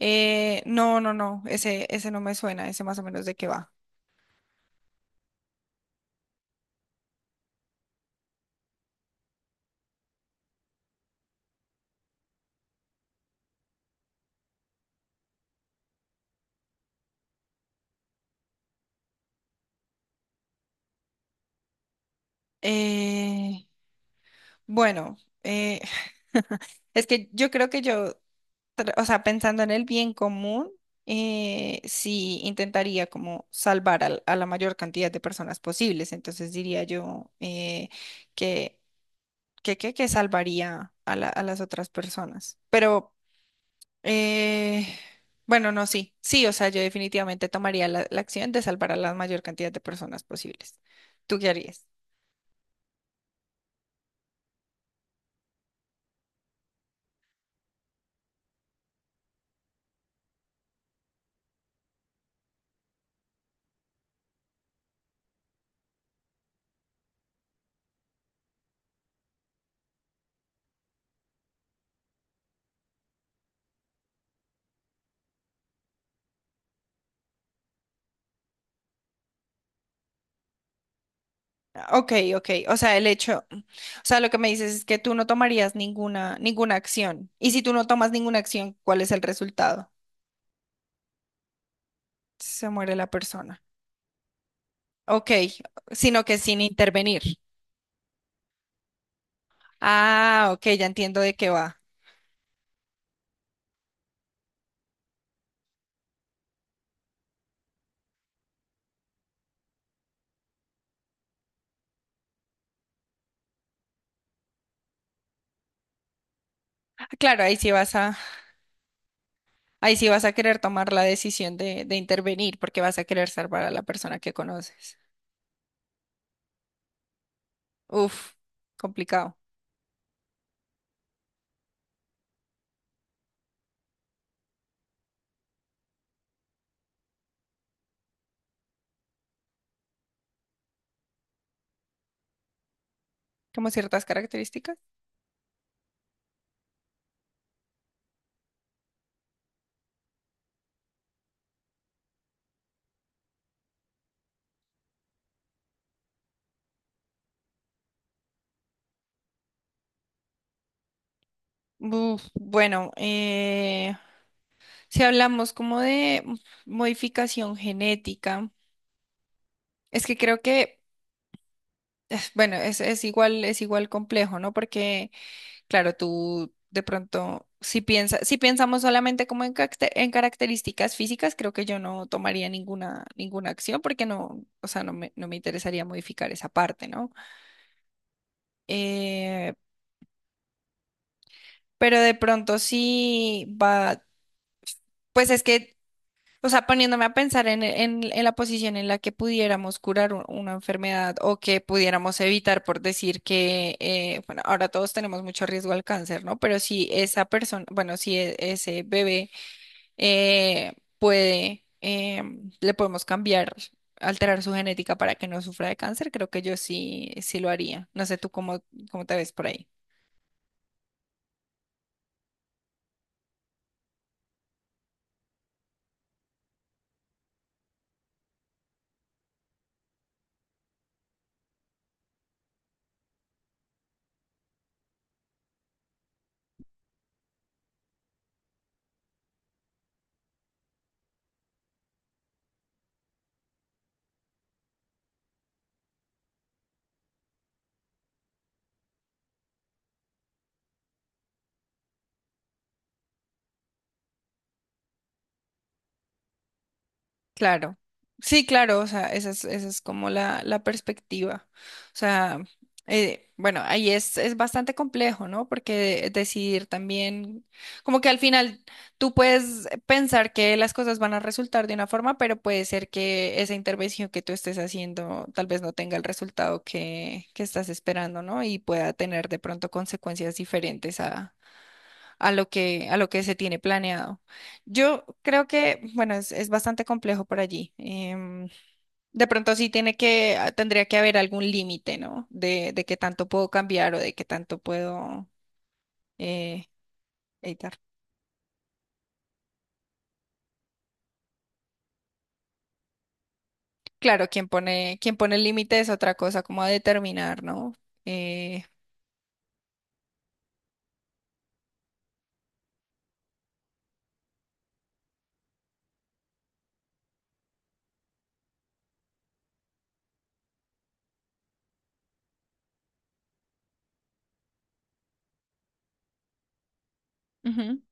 No, no, no, ese no me suena, ese más o menos de qué va. Eh, bueno, eh, es que yo creo que o sea, pensando en el bien común, sí intentaría como salvar la mayor cantidad de personas posibles. Entonces diría yo que, que salvaría a las otras personas. Pero. Eh, bueno, no, sí, sí, o sea, yo definitivamente tomaría la acción de salvar a la mayor cantidad de personas posibles. ¿Tú qué harías? Ah, ok, ok, o sea, lo que me dices es que tú no tomarías ninguna acción. Y si tú no tomas ninguna acción, ¿cuál es el resultado? Se muere la persona. Ok, sino que sin intervenir. Ah, ok, ya entiendo de qué va. Ah, claro, ahí sí vas a querer tomar la decisión de intervenir porque vas a querer salvar a la persona que conoces. Uf, complicado. Como ciertas características. Uf, bueno, si hablamos como de modificación genética, es que creo que, bueno, es igual complejo, ¿no? Porque, claro, tú de pronto, si pensamos solamente como en características físicas, creo que yo no tomaría ninguna acción porque no, o sea, no me interesaría modificar esa parte, ¿no? Eh, pero de pronto sí va. Pues es que o sea, poniéndome a pensar en, en la posición en la que pudiéramos curar una enfermedad o que pudiéramos evitar, por decir que, bueno, ahora todos tenemos mucho riesgo al cáncer, ¿no? Pero si esa persona, bueno, si ese bebé eh, le podemos cambiar, alterar su genética para que no sufra de cáncer, creo que yo sí, sí lo haría. No sé tú cómo, cómo te ves por ahí. Claro, sí, claro, o sea, esa es como la perspectiva. O sea, bueno, ahí es bastante complejo, ¿no? Porque decidir también, como que al final tú puedes pensar que las cosas van a resultar de una forma, pero puede ser que esa intervención que tú estés haciendo tal vez no tenga el resultado que estás esperando, ¿no? Y pueda tener de pronto consecuencias diferentes a lo que se tiene planeado. Yo creo que, bueno, es bastante complejo por allí. De pronto sí tendría que haber algún límite, ¿no? De qué tanto puedo cambiar o de qué tanto puedo eh, editar. Claro, quien pone el límite es otra cosa, como a determinar, ¿no? Eh, Ujú.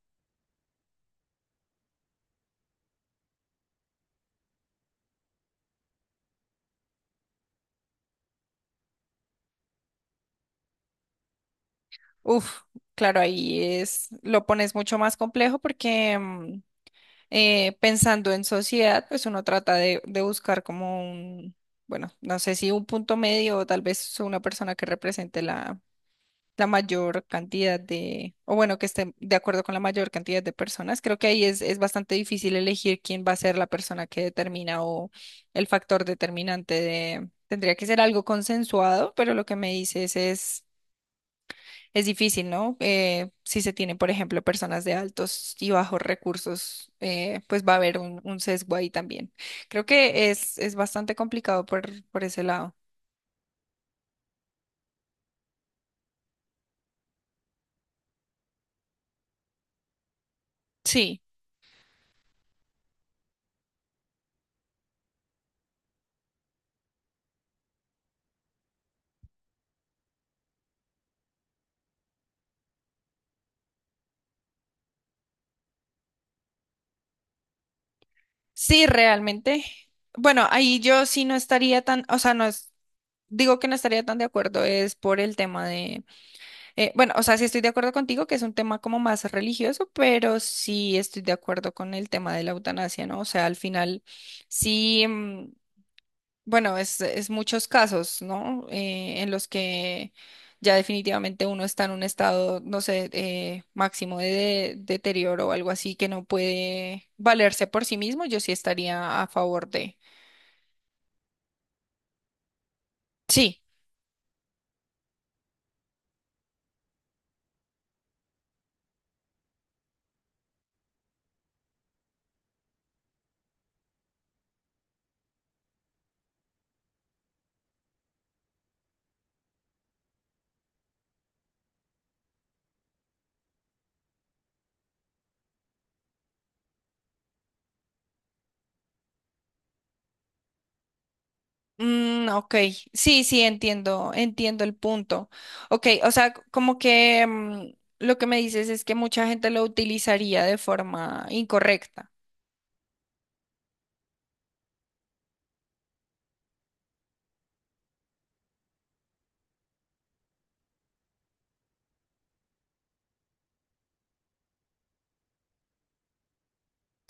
Uf, claro, lo pones mucho más complejo porque pensando en sociedad, pues uno trata de buscar como un, bueno, no sé si un punto medio o tal vez una persona que represente la mayor cantidad de, o bueno, que esté de acuerdo con la mayor cantidad de personas. Creo que ahí es bastante difícil elegir quién va a ser la persona que determina o el factor determinante de. Tendría que ser algo consensuado, pero lo que me dices es difícil, ¿no? Si se tiene, por ejemplo, personas de altos y bajos recursos, pues va a haber un sesgo ahí también. Creo que es bastante complicado por ese lado. Sí, sí, realmente. Bueno, ahí yo sí no estaría tan, o sea, no es, digo que no estaría tan de acuerdo, es por el tema de, bueno, o sea, sí estoy de acuerdo contigo que es un tema como más religioso, pero sí estoy de acuerdo con el tema de la eutanasia, ¿no? O sea, al final, sí. Bueno, es muchos casos, ¿no? En los que ya definitivamente uno está en un estado, no sé, máximo deterioro o algo así que no puede valerse por sí mismo, yo sí estaría a favor de. Sí. Mm, ok, sí, sí, entiendo el punto. Ok, o sea, como que lo que me dices es que mucha gente lo utilizaría de forma incorrecta.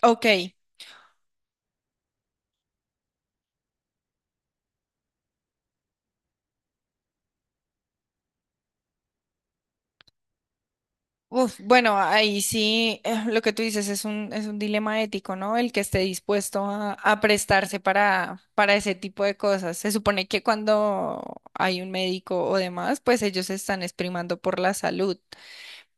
Ok. Uf, bueno, ahí sí, lo que tú dices es es un dilema ético, ¿no? El que esté dispuesto a prestarse para ese tipo de cosas. Se supone que cuando hay un médico o demás, pues ellos se están exprimando por la salud,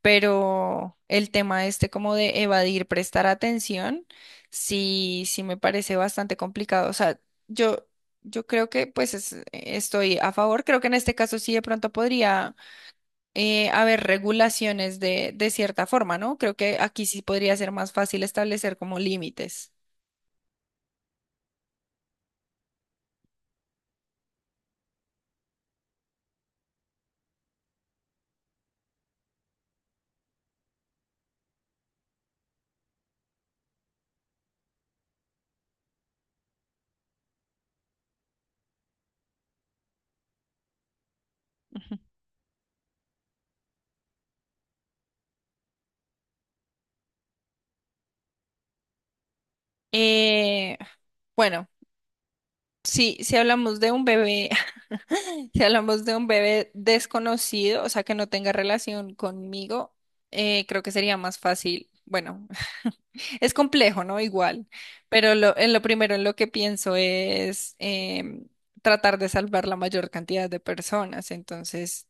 pero el tema este como de evadir, prestar atención, sí, sí me parece bastante complicado. O sea, yo, yo creo que pues estoy a favor, creo que en este caso sí de pronto podría haber regulaciones de cierta forma, ¿no? Creo que aquí sí podría ser más fácil establecer como límites. Eh, bueno, sí si hablamos de un bebé si hablamos de un bebé desconocido, o sea, que no tenga relación conmigo, creo que sería más fácil. Bueno, es complejo, ¿no? Igual, pero en lo primero en lo que pienso es tratar de salvar la mayor cantidad de personas. Entonces,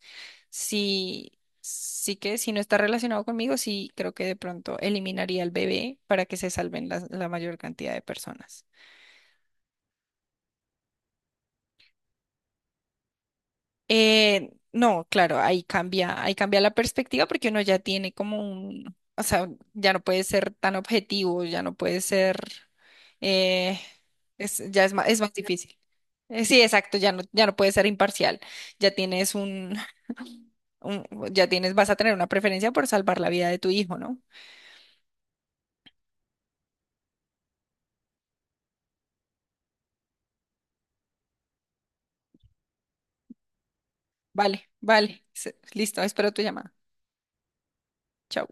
sí, sí que si no está relacionado conmigo, sí creo que de pronto eliminaría al bebé para que se salven la mayor cantidad de personas. No, claro, ahí cambia la perspectiva porque uno ya tiene como un, o sea, ya no puede ser tan objetivo, ya no puede ser, eh, ya es más difícil. Sí, exacto, ya no puede ser imparcial, ya tienes un, un- ya tienes, vas a tener una preferencia por salvar la vida de tu hijo, ¿no? Vale, vale, listo, espero tu llamada. Chao.